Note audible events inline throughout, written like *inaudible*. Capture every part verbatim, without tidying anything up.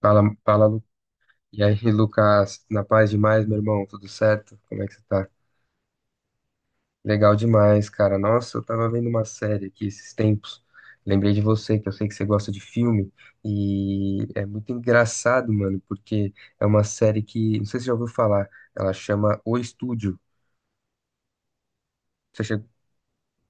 Fala, fala, Lu- e aí, Lucas, na paz demais, meu irmão, tudo certo? Como é que você tá? Legal demais, cara. Nossa, eu tava vendo uma série aqui esses tempos. Lembrei de você, que eu sei que você gosta de filme, e é muito engraçado, mano, porque é uma série que, não sei se você já ouviu falar, ela chama O Estúdio. Você chegou?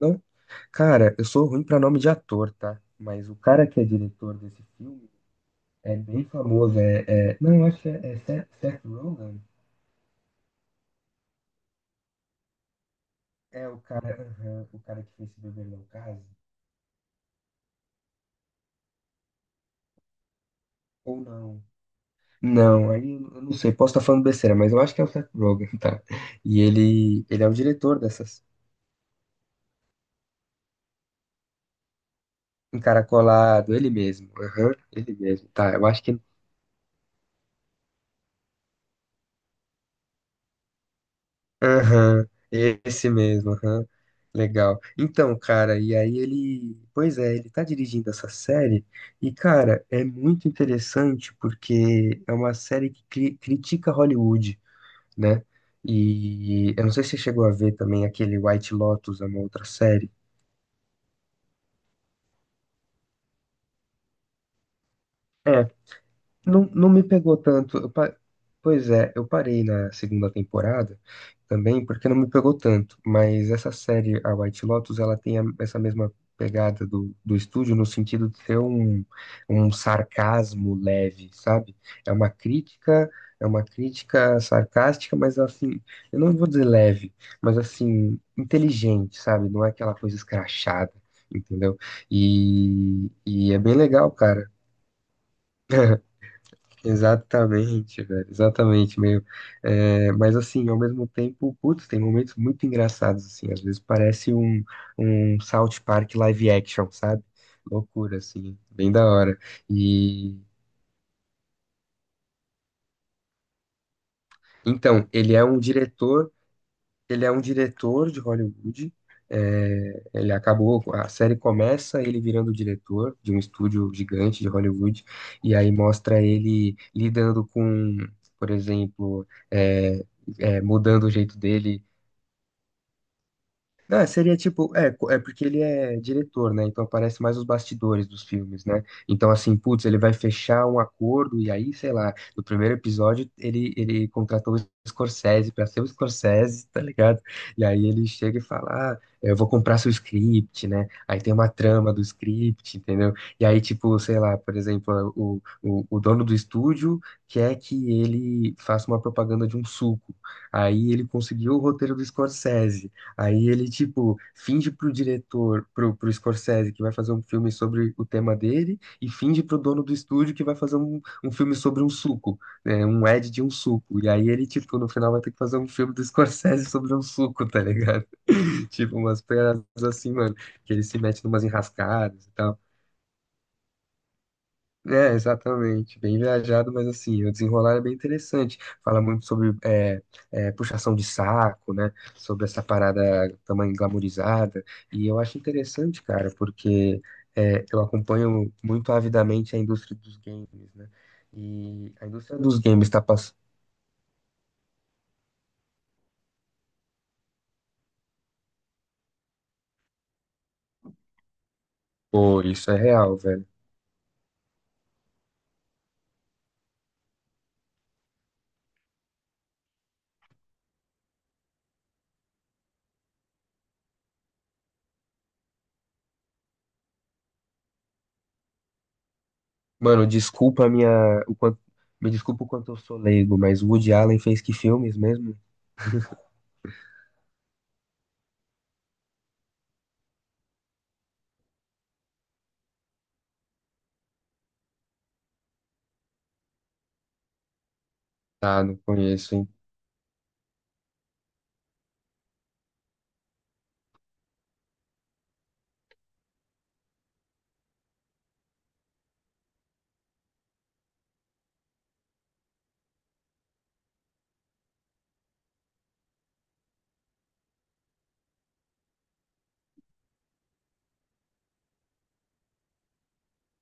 Não? Cara, eu sou ruim pra nome de ator, tá? Mas o cara que é diretor desse filme é bem famoso, é, é... não, eu acho que é, é Seth, Seth Rogen. É o cara, aham, o cara que fez Se Beber Não Case? Ou não? Não, aí eu eu não sei, posso estar falando besteira, mas eu acho que é o Seth Rogen, tá? E ele, ele é o diretor dessas. Encaracolado, ele mesmo. Aham, ele mesmo. Tá, eu acho que. Aham, esse mesmo, aham. Legal. Então, cara, e aí ele. Pois é, ele tá dirigindo essa série, e, cara, é muito interessante porque é uma série que cri- critica Hollywood, né? E eu não sei se você chegou a ver também aquele White Lotus, é uma outra série. É, não, não me pegou tanto. Eu pa- Pois é, eu parei na segunda temporada também porque não me pegou tanto. Mas essa série, a White Lotus, ela tem a- essa mesma pegada do, do estúdio no sentido de ter um, um sarcasmo leve, sabe? É uma crítica, é uma crítica sarcástica, mas assim, eu não vou dizer leve, mas assim, inteligente, sabe? Não é aquela coisa escrachada, entendeu? E, e é bem legal, cara. Exatamente, velho, exatamente, meio. É, mas assim, ao mesmo tempo, putz, tem momentos muito engraçados, assim, às vezes parece um, um South Park live action, sabe? Loucura, assim, bem da hora. E então, ele é um diretor. Ele é um diretor de Hollywood. É, ele acabou, a série começa ele virando diretor de um estúdio gigante de Hollywood, e aí mostra ele lidando com, por exemplo, é, é, mudando o jeito dele. Ah, seria tipo, é, co- é porque ele é diretor, né? Então aparece mais os bastidores dos filmes, né? Então, assim, putz, ele vai fechar um acordo e aí, sei lá, no primeiro episódio ele, ele contratou o Scorsese pra ser o Scorsese, tá ligado? E aí ele chega e fala, ah, eu vou comprar seu script, né? Aí tem uma trama do script, entendeu? E aí, tipo, sei lá, por exemplo, o, o, o dono do estúdio quer que ele faça uma propaganda de um suco. Aí ele conseguiu o roteiro do Scorsese. Aí ele, tipo, finge pro diretor, pro, pro Scorsese, que vai fazer um filme sobre o tema dele, e finge pro dono do estúdio que vai fazer um, um filme sobre um suco, né? Um ad de um suco. E aí ele, tipo, no final vai ter que fazer um filme do *laughs* Scorsese sobre um suco, tá ligado? *laughs* Tipo, umas peças assim, mano, que ele se mete numas enrascadas e tal. É, exatamente. Bem viajado, mas assim, o desenrolar é bem interessante. Fala muito sobre é, é, puxação de saco, né? Sobre essa parada também glamourizada. E eu acho interessante, cara, porque é, eu acompanho muito avidamente a indústria dos games, né? E a indústria dos games tá passando por isso, é real, velho. Mano, desculpa a minha. O quanto, me desculpa o quanto eu sou leigo, mas o Woody Allen fez que filmes mesmo? Tá, não conheço, hein?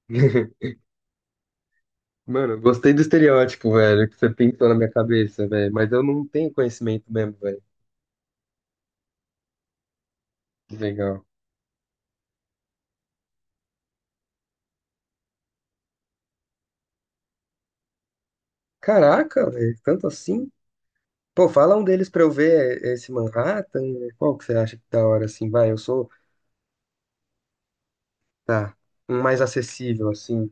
*laughs* Mano, gostei do estereótipo, velho, que você pintou na minha cabeça, velho. Mas eu não tenho conhecimento mesmo, velho. Que legal. Caraca, velho, tanto assim? Pô, fala um deles pra eu ver é, esse Manhattan, né? Qual que você acha que da hora, assim? Vai, eu sou. Tá. Um mais acessível, assim.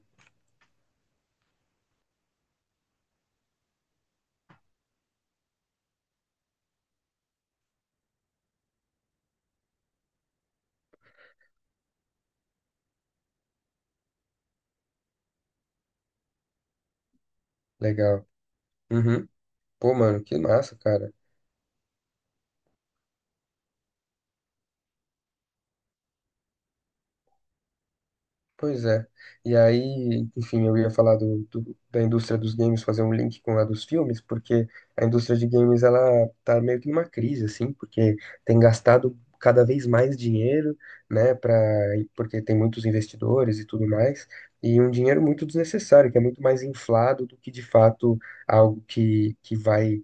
Legal. Uhum. Pô, mano, que massa, cara. Pois é. E aí, enfim, eu ia falar do, do- da indústria dos games, fazer um link com a dos filmes, porque a indústria de games, ela tá meio que numa crise, assim, porque tem gastado cada vez mais dinheiro, né, pra, porque tem muitos investidores e tudo mais, e um dinheiro muito desnecessário, que é muito mais inflado do que, de fato, algo que, que vai,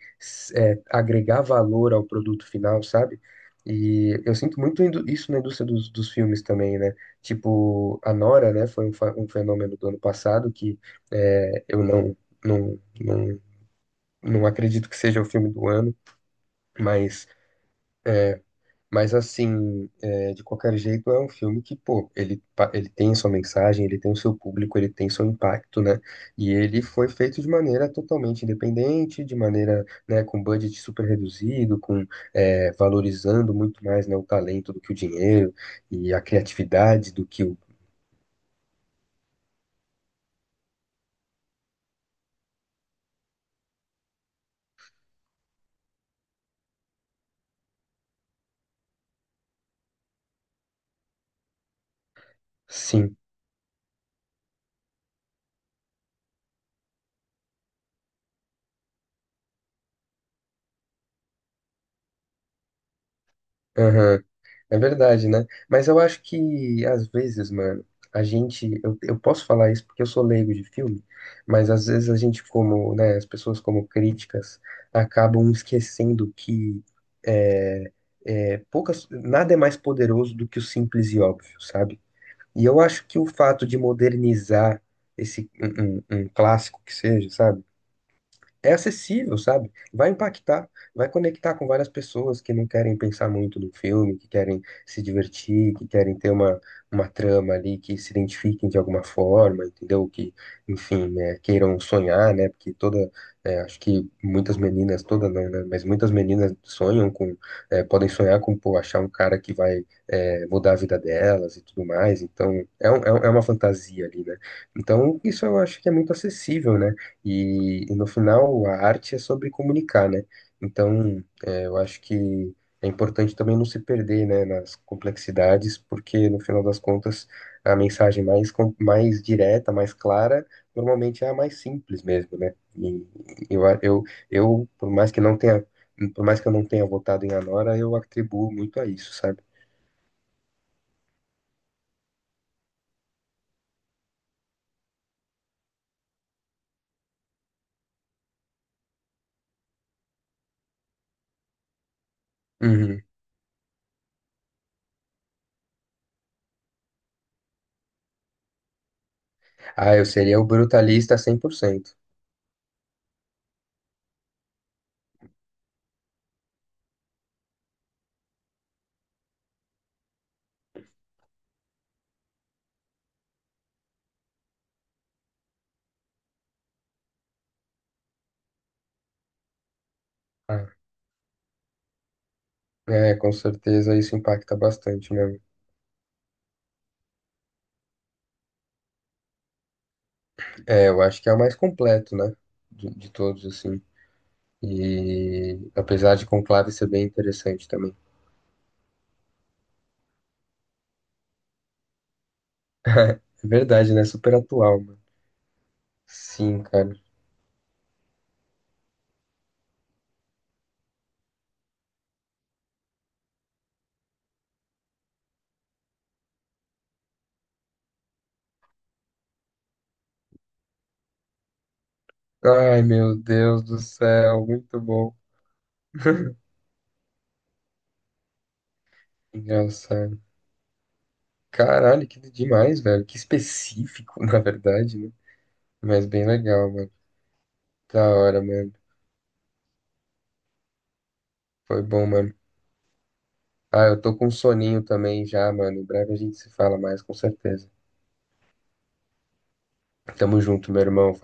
é, agregar valor ao produto final, sabe? E eu sinto muito indo- isso na indústria dos, dos filmes também, né? Tipo, a Nora, né, foi um, fa- um fenômeno do ano passado que é, eu não, não, não, não acredito que seja o filme do ano, mas, mas assim, é, de qualquer jeito, é um filme que, pô, ele, pa- ele tem sua mensagem, ele tem o seu público, ele tem seu impacto, né? E ele foi feito de maneira totalmente independente, de maneira, né, com budget super reduzido, com, é, valorizando muito mais, né, o talento do que o dinheiro e a criatividade do que o. Sim. Aham. É verdade, né? Mas eu acho que, às vezes, mano, a gente. Eu, eu posso falar isso porque eu sou leigo de filme, mas às vezes a gente, como, né, as pessoas como críticas, acabam esquecendo que é, é, poucas, nada é mais poderoso do que o simples e óbvio, sabe? E eu acho que o fato de modernizar esse um, um um clássico que seja, sabe? É acessível, sabe? Vai impactar, vai conectar com várias pessoas que não querem pensar muito no filme, que querem se divertir, que querem ter uma, uma trama ali, que se identifiquem de alguma forma, entendeu? Que, enfim, né, queiram sonhar, né? Porque toda, é, acho que muitas meninas, toda não, né? Mas muitas meninas sonham com, é, podem sonhar com, pô, achar um cara que vai, é, mudar a vida delas e tudo mais. Então, é, um- é um- é uma fantasia ali, né? Então, isso eu acho que é muito acessível, né? E, e no final, a arte é sobre comunicar, né? Então, é, eu acho que é importante também não se perder, né, nas complexidades, porque no final das contas, a mensagem mais, com- mais direta, mais clara, normalmente é a mais simples mesmo, né? E eu, a- eu, eu, por mais que não tenha, por mais que eu não tenha votado em Anora, eu atribuo muito a isso, sabe? Uhum. Ah, eu seria o brutalista cem por cento. Ah, é, com certeza isso impacta bastante, né? É, eu acho que é o mais completo, né? De, de todos, assim. E apesar de Conclave ser bem interessante também. É verdade, né? Super atual, mano. Sim, cara. Ai, meu Deus do céu, muito bom. Engraçado. Caralho, que demais, velho. Que específico, *laughs* na verdade, né? Mas bem legal, mano. Da hora, mano. Foi bom, mano. Ah, eu tô com soninho também já, mano. Em breve a gente se fala mais, com certeza. Tamo junto, meu irmão.